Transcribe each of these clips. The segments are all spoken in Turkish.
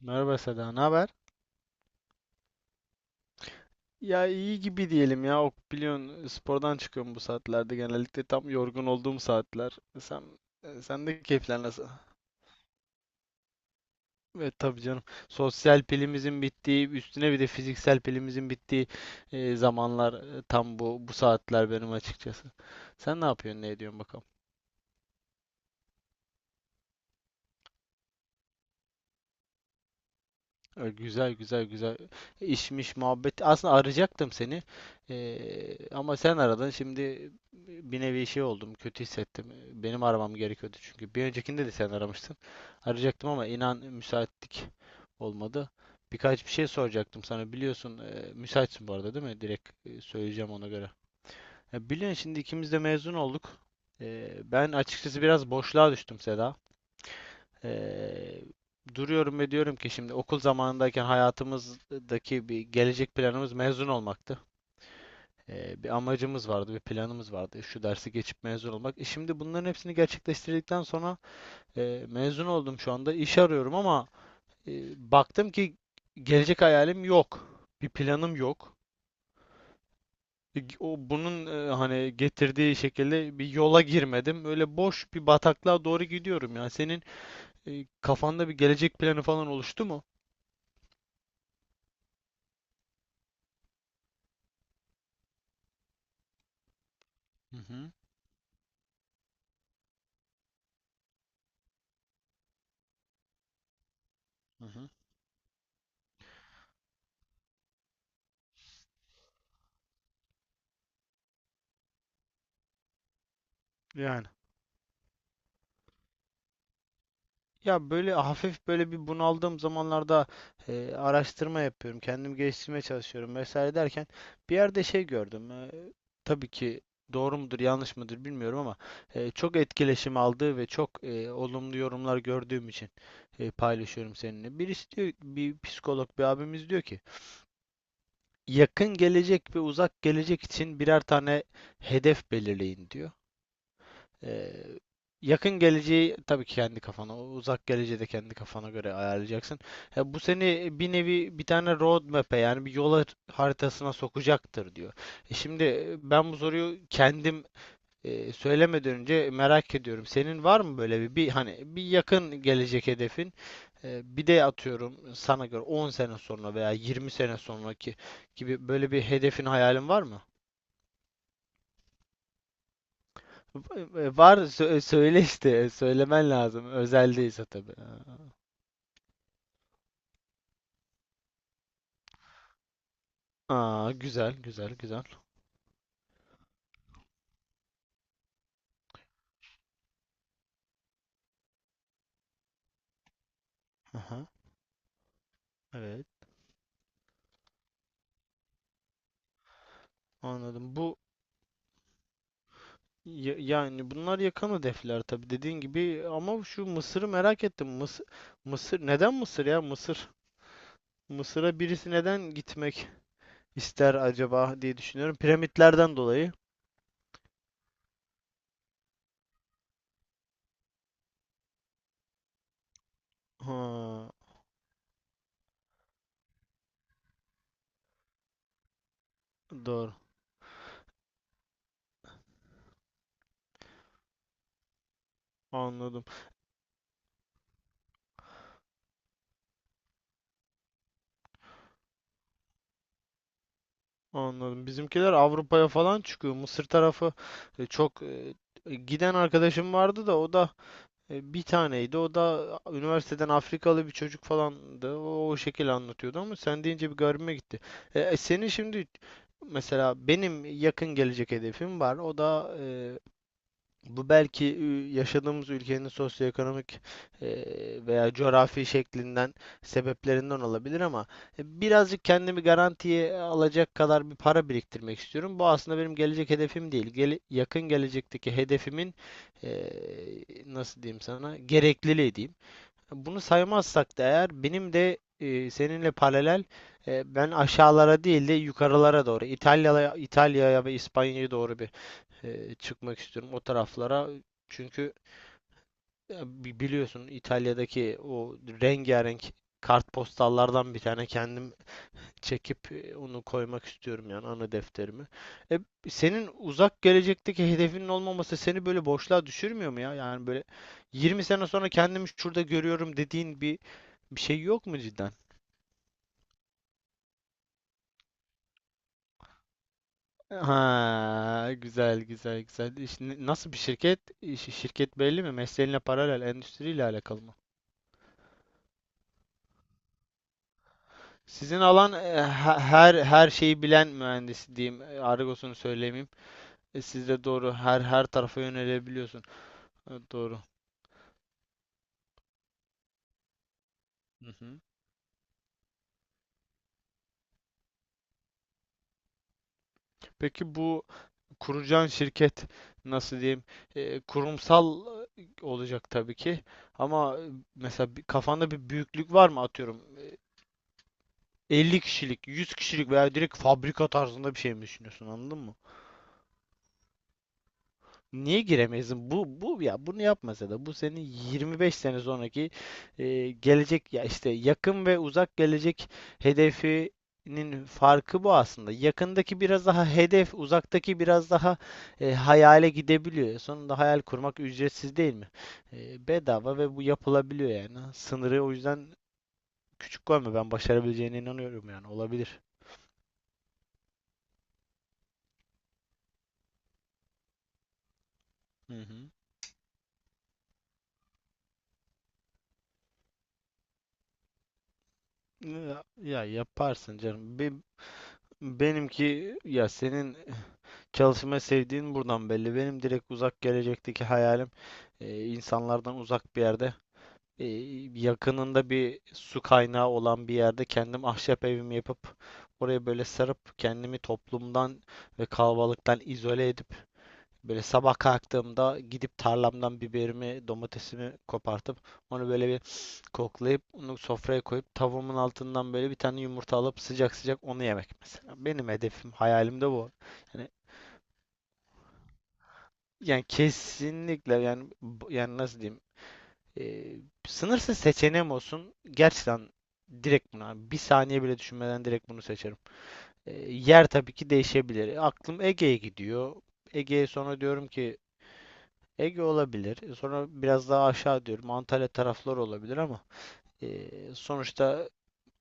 Merhaba Seda, ne haber? Ya iyi gibi diyelim ya. Ok, biliyorsun spordan çıkıyorum bu saatlerde. Genellikle tam yorgun olduğum saatler. Sen, sen de keyifler nasıl? Evet tabii canım. Sosyal pilimizin bittiği, üstüne bir de fiziksel pilimizin bittiği zamanlar, tam bu saatler benim açıkçası. Sen ne yapıyorsun, ne ediyorsun bakalım? Güzel güzel güzel işmiş muhabbet. Aslında arayacaktım seni. Ama sen aradın. Şimdi bir nevi şey oldum. Kötü hissettim. Benim aramam gerekiyordu çünkü. Bir öncekinde de sen aramıştın. Arayacaktım ama inan müsaitlik olmadı. Birkaç bir şey soracaktım sana. Biliyorsun müsaitsin bu arada değil mi? Direkt söyleyeceğim ona göre. Ya biliyorsun şimdi ikimiz de mezun olduk. Ben açıkçası biraz boşluğa düştüm Seda. Eee, Duruyorum ve diyorum ki şimdi okul zamanındayken hayatımızdaki bir gelecek planımız mezun olmaktı. Bir amacımız vardı, bir planımız vardı. Şu dersi geçip mezun olmak. E şimdi bunların hepsini gerçekleştirdikten sonra mezun oldum şu anda. İş arıyorum ama baktım ki gelecek hayalim yok. Bir planım yok. O bunun, hani getirdiği şekilde bir yola girmedim. Öyle boş bir bataklığa doğru gidiyorum ya. Senin kafanda bir gelecek planı falan oluştu mu? Hı hı. Hı hı. Yani. Ya böyle hafif böyle bir bunaldığım zamanlarda araştırma yapıyorum. Kendimi geliştirmeye çalışıyorum vesaire derken bir yerde şey gördüm. Tabii ki doğru mudur yanlış mıdır bilmiyorum ama çok etkileşim aldığı ve çok olumlu yorumlar gördüğüm için paylaşıyorum seninle. Birisi diyor, bir psikolog bir abimiz diyor ki yakın gelecek ve uzak gelecek için birer tane hedef belirleyin diyor. Ee, Yakın geleceği tabii ki kendi kafana, uzak geleceği de kendi kafana göre ayarlayacaksın. Ya bu seni bir nevi bir tane road map'e, yani bir yol haritasına sokacaktır diyor. E şimdi, ben bu soruyu kendim söylemeden önce merak ediyorum. Senin var mı böyle bir, bir hani bir yakın gelecek hedefin? Bir de atıyorum, sana göre 10 sene sonra veya 20 sene sonraki gibi böyle bir hedefin, hayalin var mı? Var, söyle işte, söylemen lazım özel değilse tabii. Aa, güzel güzel güzel. Aha, evet, anladım. Bu yani bunlar yakın hedefler tabii dediğin gibi ama şu Mısır'ı merak ettim. Mısır, Mısır neden Mısır ya Mısır? Mısır'a birisi neden gitmek ister acaba diye düşünüyorum. Piramitlerden dolayı. Ha, doğru, anladım. Anladım. Bizimkiler Avrupa'ya falan çıkıyor. Mısır tarafı çok, giden arkadaşım vardı da o da bir taneydi. O da üniversiteden Afrikalı bir çocuk falandı. O, o şekilde anlatıyordu ama sen deyince bir garibime gitti. Senin şimdi mesela benim yakın gelecek hedefim var. O da bu belki yaşadığımız ülkenin sosyoekonomik veya coğrafi şeklinden, sebeplerinden olabilir ama birazcık kendimi garantiye alacak kadar bir para biriktirmek istiyorum. Bu aslında benim gelecek hedefim değil. Yakın gelecekteki hedefimin eee, nasıl diyeyim sana, gerekliliği diyeyim. Bunu saymazsak da eğer benim de, seninle paralel, ben aşağılara değil de yukarılara doğru İtalya'ya ve İspanya'ya doğru bir, çıkmak istiyorum o taraflara. Çünkü ya biliyorsun İtalya'daki o rengarenk kartpostallardan bir tane kendim çekip onu koymak istiyorum yani ana defterime. E, Senin uzak gelecekteki hedefinin olmaması seni böyle boşluğa düşürmüyor mu ya? Yani böyle 20 sene sonra kendimi şurada görüyorum dediğin bir şey yok mu cidden? Ha, güzel güzel güzel. Nasıl bir şirket? Şirket belli mi? Mesleğinle paralel, endüstriyle alakalı mı? Sizin alan, her şeyi bilen mühendis diyeyim. E, argosunu söylemeyeyim. E, siz de doğru her tarafa yönelebiliyorsun. E, doğru. Hı hı. Peki bu kuracağın şirket nasıl diyeyim? Kurumsal, olacak tabii ki. Ama, mesela kafanda bir büyüklük var mı atıyorum? 50 kişilik, 100 kişilik veya direkt fabrika tarzında bir şey mi düşünüyorsun? Anladın mı? Niye giremezsin? Bu ya, bunu yapmasa da bu senin 25 sene sonraki, gelecek ya işte yakın ve uzak gelecek hedefinin farkı bu aslında. Yakındaki biraz daha hedef, uzaktaki biraz daha, hayale gidebiliyor. Sonunda hayal kurmak ücretsiz değil mi? E, bedava ve bu yapılabiliyor yani. Sınırı o yüzden küçük koyma. Ben başarabileceğine inanıyorum yani. Olabilir. Hı hı. Ya, ya yaparsın canım. Benimki ya, senin çalışmayı sevdiğin buradan belli. Benim direkt uzak gelecekteki hayalim insanlardan uzak bir yerde, e, yakınında bir su kaynağı olan bir yerde kendim ahşap evimi yapıp oraya böyle sarıp kendimi toplumdan ve kalabalıktan izole edip böyle sabah kalktığımda gidip tarlamdan biberimi, domatesimi kopartıp onu böyle bir koklayıp onu sofraya koyup tavuğumun altından böyle bir tane yumurta alıp sıcak sıcak onu yemek mesela. Benim hedefim, hayalim de bu. Yani, yani kesinlikle yani yani nasıl diyeyim, eee, sınırsız seçeneğim olsun gerçekten, direkt buna bir saniye bile düşünmeden direkt bunu seçerim. Yer tabii ki değişebilir. Aklım Ege'ye gidiyor. Ege'ye, sonra diyorum ki Ege olabilir. E, sonra biraz daha aşağı diyorum Antalya tarafları olabilir ama sonuçta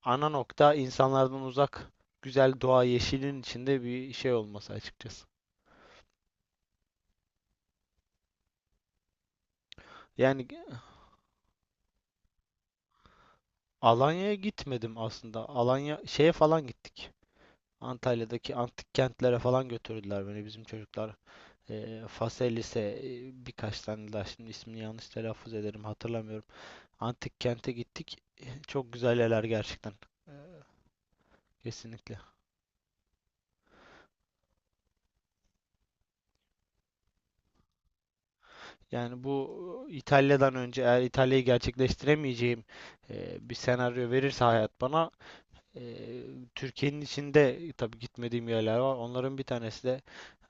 ana nokta insanlardan uzak, güzel doğa, yeşilin içinde bir şey olması açıkçası. Yani Alanya'ya gitmedim aslında. Alanya şeye falan gittik. Antalya'daki antik kentlere falan götürdüler beni bizim çocuklar. Faselis'e, birkaç tane daha şimdi ismini yanlış telaffuz ederim hatırlamıyorum. Antik kente gittik. E, çok güzel yerler gerçekten. Eee, Kesinlikle. Yani bu, İtalya'dan önce eğer İtalya'yı gerçekleştiremeyeceğim bir senaryo verirse hayat bana, Eee, Türkiye'nin içinde tabii gitmediğim yerler var. Onların bir tanesi de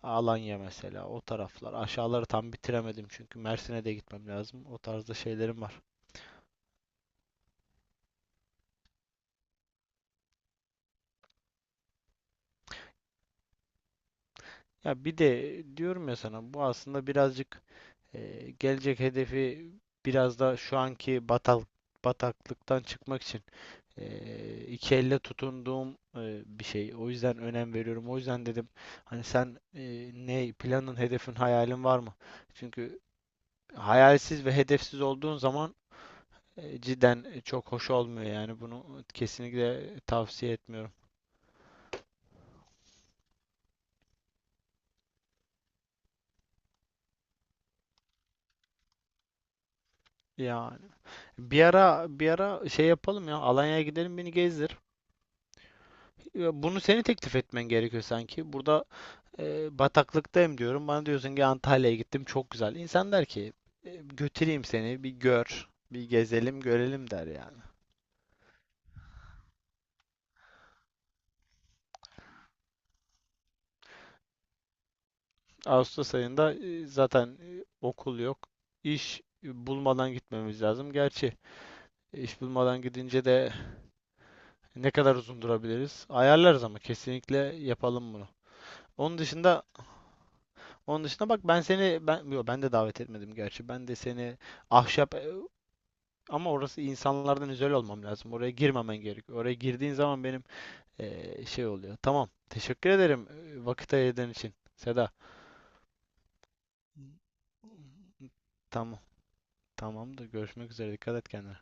Alanya mesela. O taraflar. Aşağıları tam bitiremedim çünkü Mersin'e de gitmem lazım. O tarzda şeylerim var. Ya bir de diyorum ya sana, bu aslında birazcık, gelecek hedefi biraz da şu anki bataklıktan çıkmak için iki elle tutunduğum, bir şey. O yüzden önem veriyorum. O yüzden dedim hani sen, ne planın, hedefin, hayalin var mı? Çünkü hayalsiz ve hedefsiz olduğun zaman, cidden, çok hoş olmuyor yani, bunu kesinlikle tavsiye etmiyorum. Yani bir ara şey yapalım ya, Alanya'ya gidelim, beni gezdir. Ya bunu seni teklif etmen gerekiyor sanki. Burada, bataklıktayım diyorum. Bana diyorsun ki Antalya'ya gittim çok güzel. İnsan der ki "E, götüreyim seni bir gör, bir gezelim görelim" der yani. Ağustos ayında zaten, okul yok. İş, bulmadan gitmemiz lazım. Gerçi İş bulmadan gidince de ne kadar uzun durabiliriz? Ayarlarız ama kesinlikle yapalım bunu. Onun dışında onun dışında bak, ben seni, ben de davet etmedim gerçi. Ben de seni ahşap, ama orası insanlardan özel olmam lazım. Oraya girmemen gerekiyor. Oraya girdiğin zaman benim, şey oluyor. Tamam. Teşekkür ederim vakit ayırdığın için Seda. Tamam. Tamamdır. Görüşmek üzere. Dikkat et kendine.